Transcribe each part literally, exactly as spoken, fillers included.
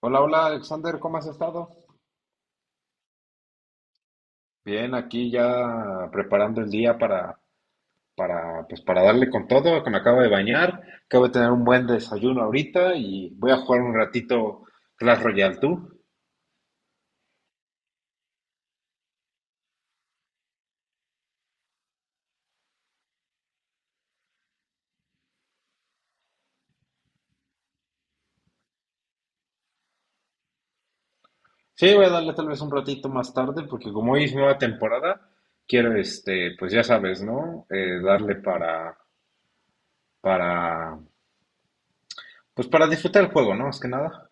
Hola, hola Alexander, ¿cómo has estado? Bien, aquí ya preparando el día para, para, pues para darle con todo, que me acabo de bañar, acabo de tener un buen desayuno ahorita y voy a jugar un ratito Clash Royale, ¿tú? Sí, voy a darle tal vez un ratito más tarde, porque como hoy es nueva temporada, quiero, este, pues ya sabes, ¿no? Eh, darle para, para, pues para disfrutar el juego, ¿no? Más que nada.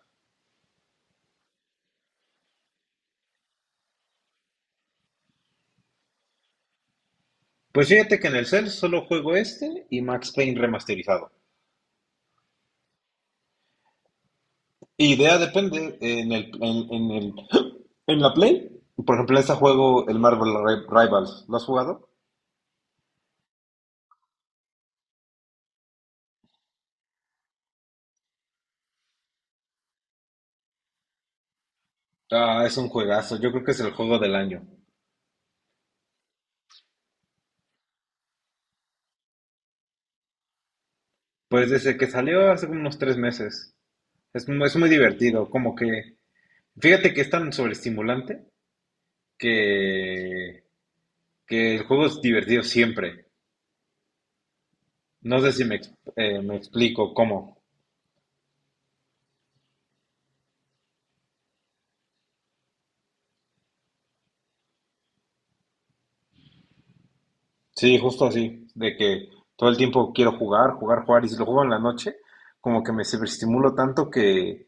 Pues fíjate que en el cel solo juego este y Max Payne remasterizado. Idea depende en el, en, en el, en la Play. Por ejemplo, ese juego, el Marvel Ri- Rivals, ¿lo has jugado? Ah, es un juegazo. Yo creo que es el juego del año. Pues desde que salió hace unos tres meses. Es, mu- es muy divertido. Como que, fíjate que es tan sobreestimulante que, que el juego es divertido siempre. No sé si me, ex- eh, me explico cómo. Sí, justo así. De que todo el tiempo quiero jugar, jugar, jugar. Y si lo juego en la noche, como que me sobreestimulo tanto que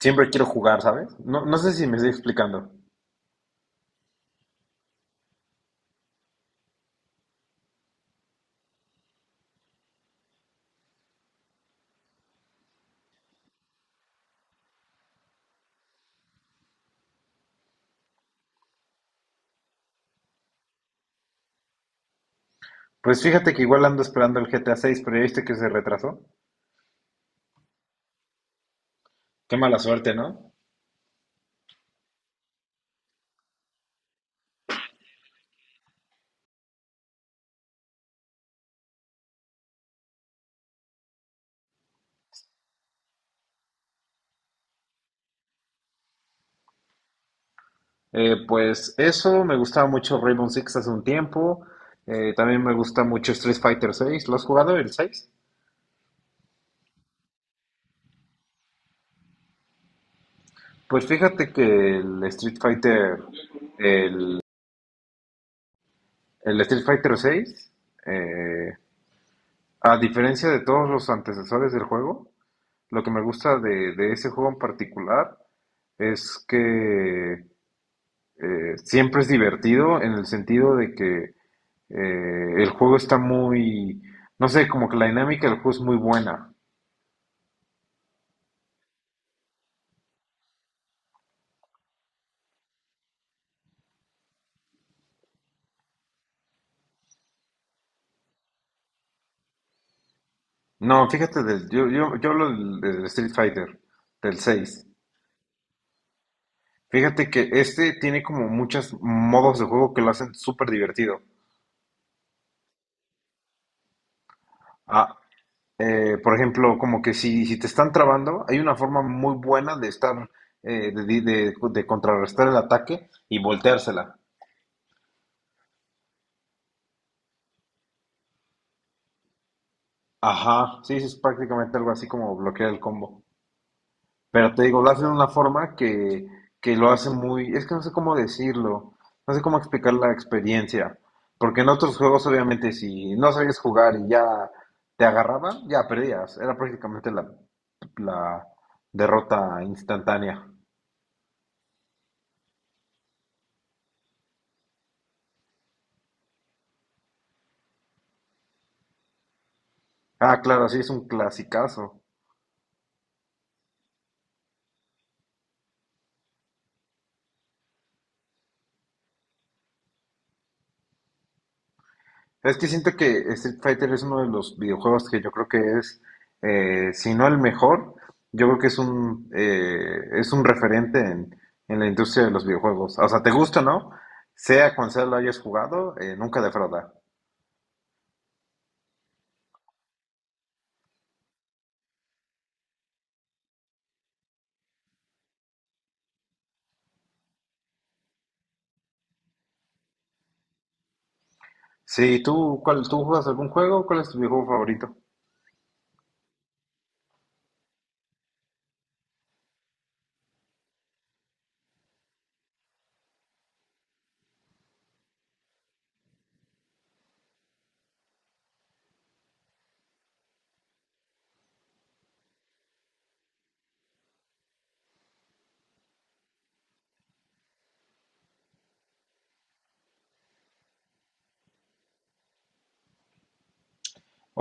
siempre quiero jugar, ¿sabes? No, no sé si me estoy explicando. Pues fíjate que igual ando esperando el G T A seis, pero ya viste que se retrasó. Qué mala suerte, ¿no? Eh, pues eso, me gustaba mucho Rainbow Six hace un tiempo. Eh, también me gusta mucho Street Fighter seis. ¿Lo has jugado el seis? Pues fíjate que el Street Fighter, el, el Street Fighter seis, eh, a diferencia de todos los antecesores del juego, lo que me gusta de, de ese juego en particular es que eh, siempre es divertido en el sentido de que eh, el juego está muy, no sé, como que la dinámica del juego es muy buena. No, fíjate, del- yo, yo, yo hablo del, del Street Fighter, del seis. Fíjate que este tiene como muchos modos de juego que lo hacen súper divertido. Ah, eh, por ejemplo, como que si, si te están trabando, hay una forma muy buena de estar, eh, de, de- de- de contrarrestar el ataque y volteársela. Ajá, sí, sí, es prácticamente algo así como bloquear el combo. Pero te digo, lo hacen de una forma que, que lo hace muy, es que no sé cómo decirlo, no sé cómo explicar la experiencia, porque en otros juegos obviamente si no sabías jugar y ya te agarraban, ya perdías, era prácticamente la, la derrota instantánea. Ah, claro, sí, es un clasicazo. Es que siento que Street Fighter es uno de los videojuegos que yo creo que es, eh, si no el mejor, yo creo que es un, eh, es un referente en, en la industria de los videojuegos. O sea, te gusta, ¿no? Sea cual sea lo hayas jugado, eh, nunca defrauda. Sí, ¿tú, cuál, ¿tú juegas algún juego? ¿Cuál es tu videojuego favorito?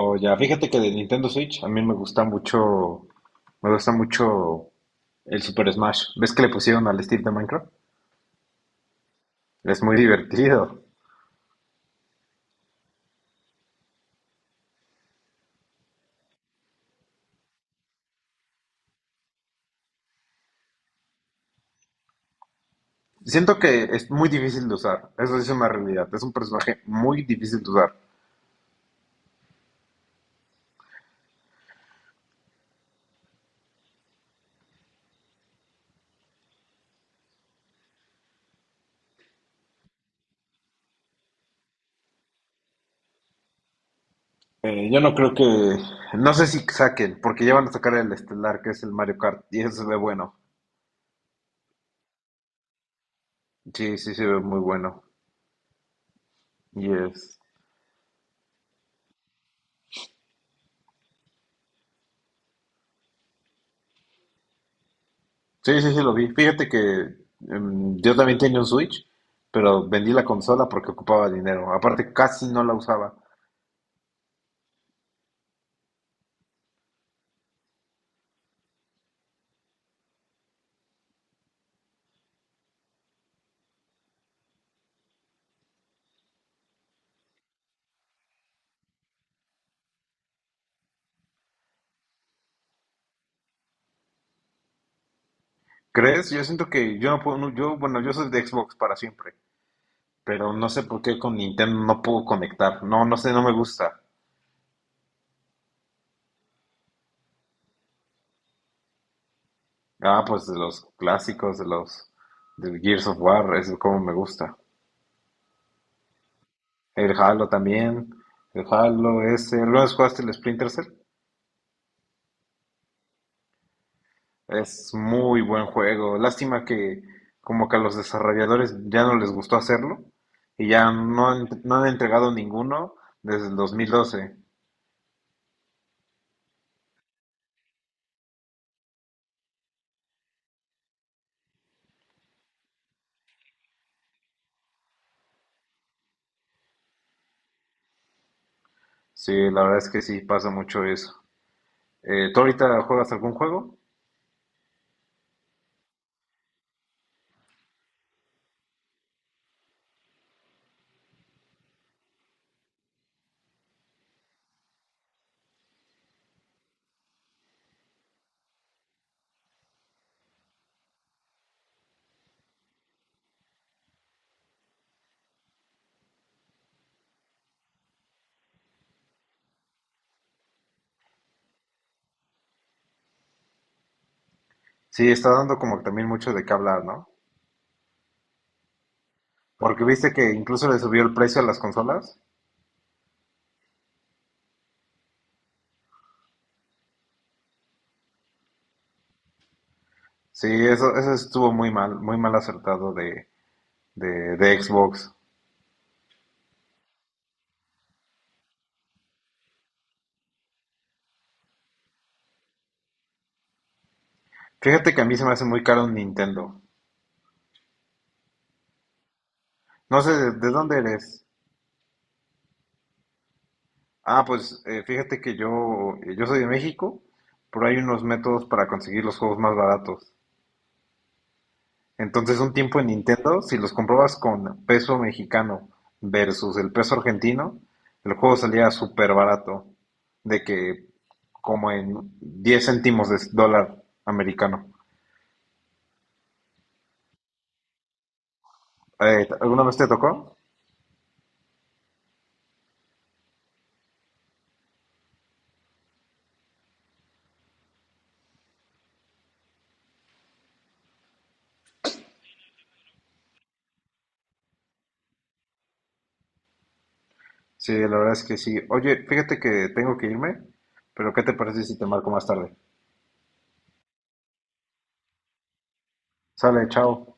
O ya, fíjate que de Nintendo Switch a mí me gusta mucho, me gusta mucho el Super Smash. ¿Ves que le pusieron al estilo de Minecraft? Es muy divertido. Siento que es muy difícil de usar, eso sí es una realidad, es un personaje muy difícil de usar. Eh, yo no creo que, no sé si saquen, porque ya van a sacar el estelar, que es el Mario Kart, y eso se ve bueno. Sí, sí, se ve muy bueno. Y es, sí, sí, sí, lo vi. Fíjate que em, yo también tenía un Switch, pero vendí la consola porque ocupaba dinero. Aparte, casi no la usaba. ¿Crees? Yo siento que yo no puedo, no, yo, bueno, yo soy de Xbox para siempre, pero no sé por qué con Nintendo no puedo conectar. No, no sé, no me gusta. Ah, pues de los clásicos, de los del Gears of War, es como me gusta. El Halo también, el Halo ese, ¿alguna vez jugaste el Splinter Cell? Es muy buen juego. Lástima que como que a los desarrolladores ya no les gustó hacerlo y ya no han, no han entregado ninguno desde el dos mil doce. Sí, la verdad es que sí pasa mucho eso. Eh, ¿tú ahorita juegas algún juego? Sí, está dando como que también mucho de qué hablar, ¿no? Porque viste que incluso le subió el precio a las consolas. Sí, eso, eso estuvo muy mal, muy mal acertado de, de, de Xbox. Fíjate que a mí se me hace muy caro un Nintendo. No sé, ¿de, de ¿dónde eres? Ah, pues eh, fíjate que yo, eh, yo soy de México, pero hay unos métodos para conseguir los juegos más baratos. Entonces, un tiempo en Nintendo, si los comprobas con peso mexicano versus el peso argentino, el juego salía súper barato, de que como en diez céntimos de dólar americano. Eh, ¿alguna vez te tocó? Sí, la verdad es que sí. Oye, fíjate que tengo que irme, pero ¿qué te parece si te marco más tarde? Sale, chao.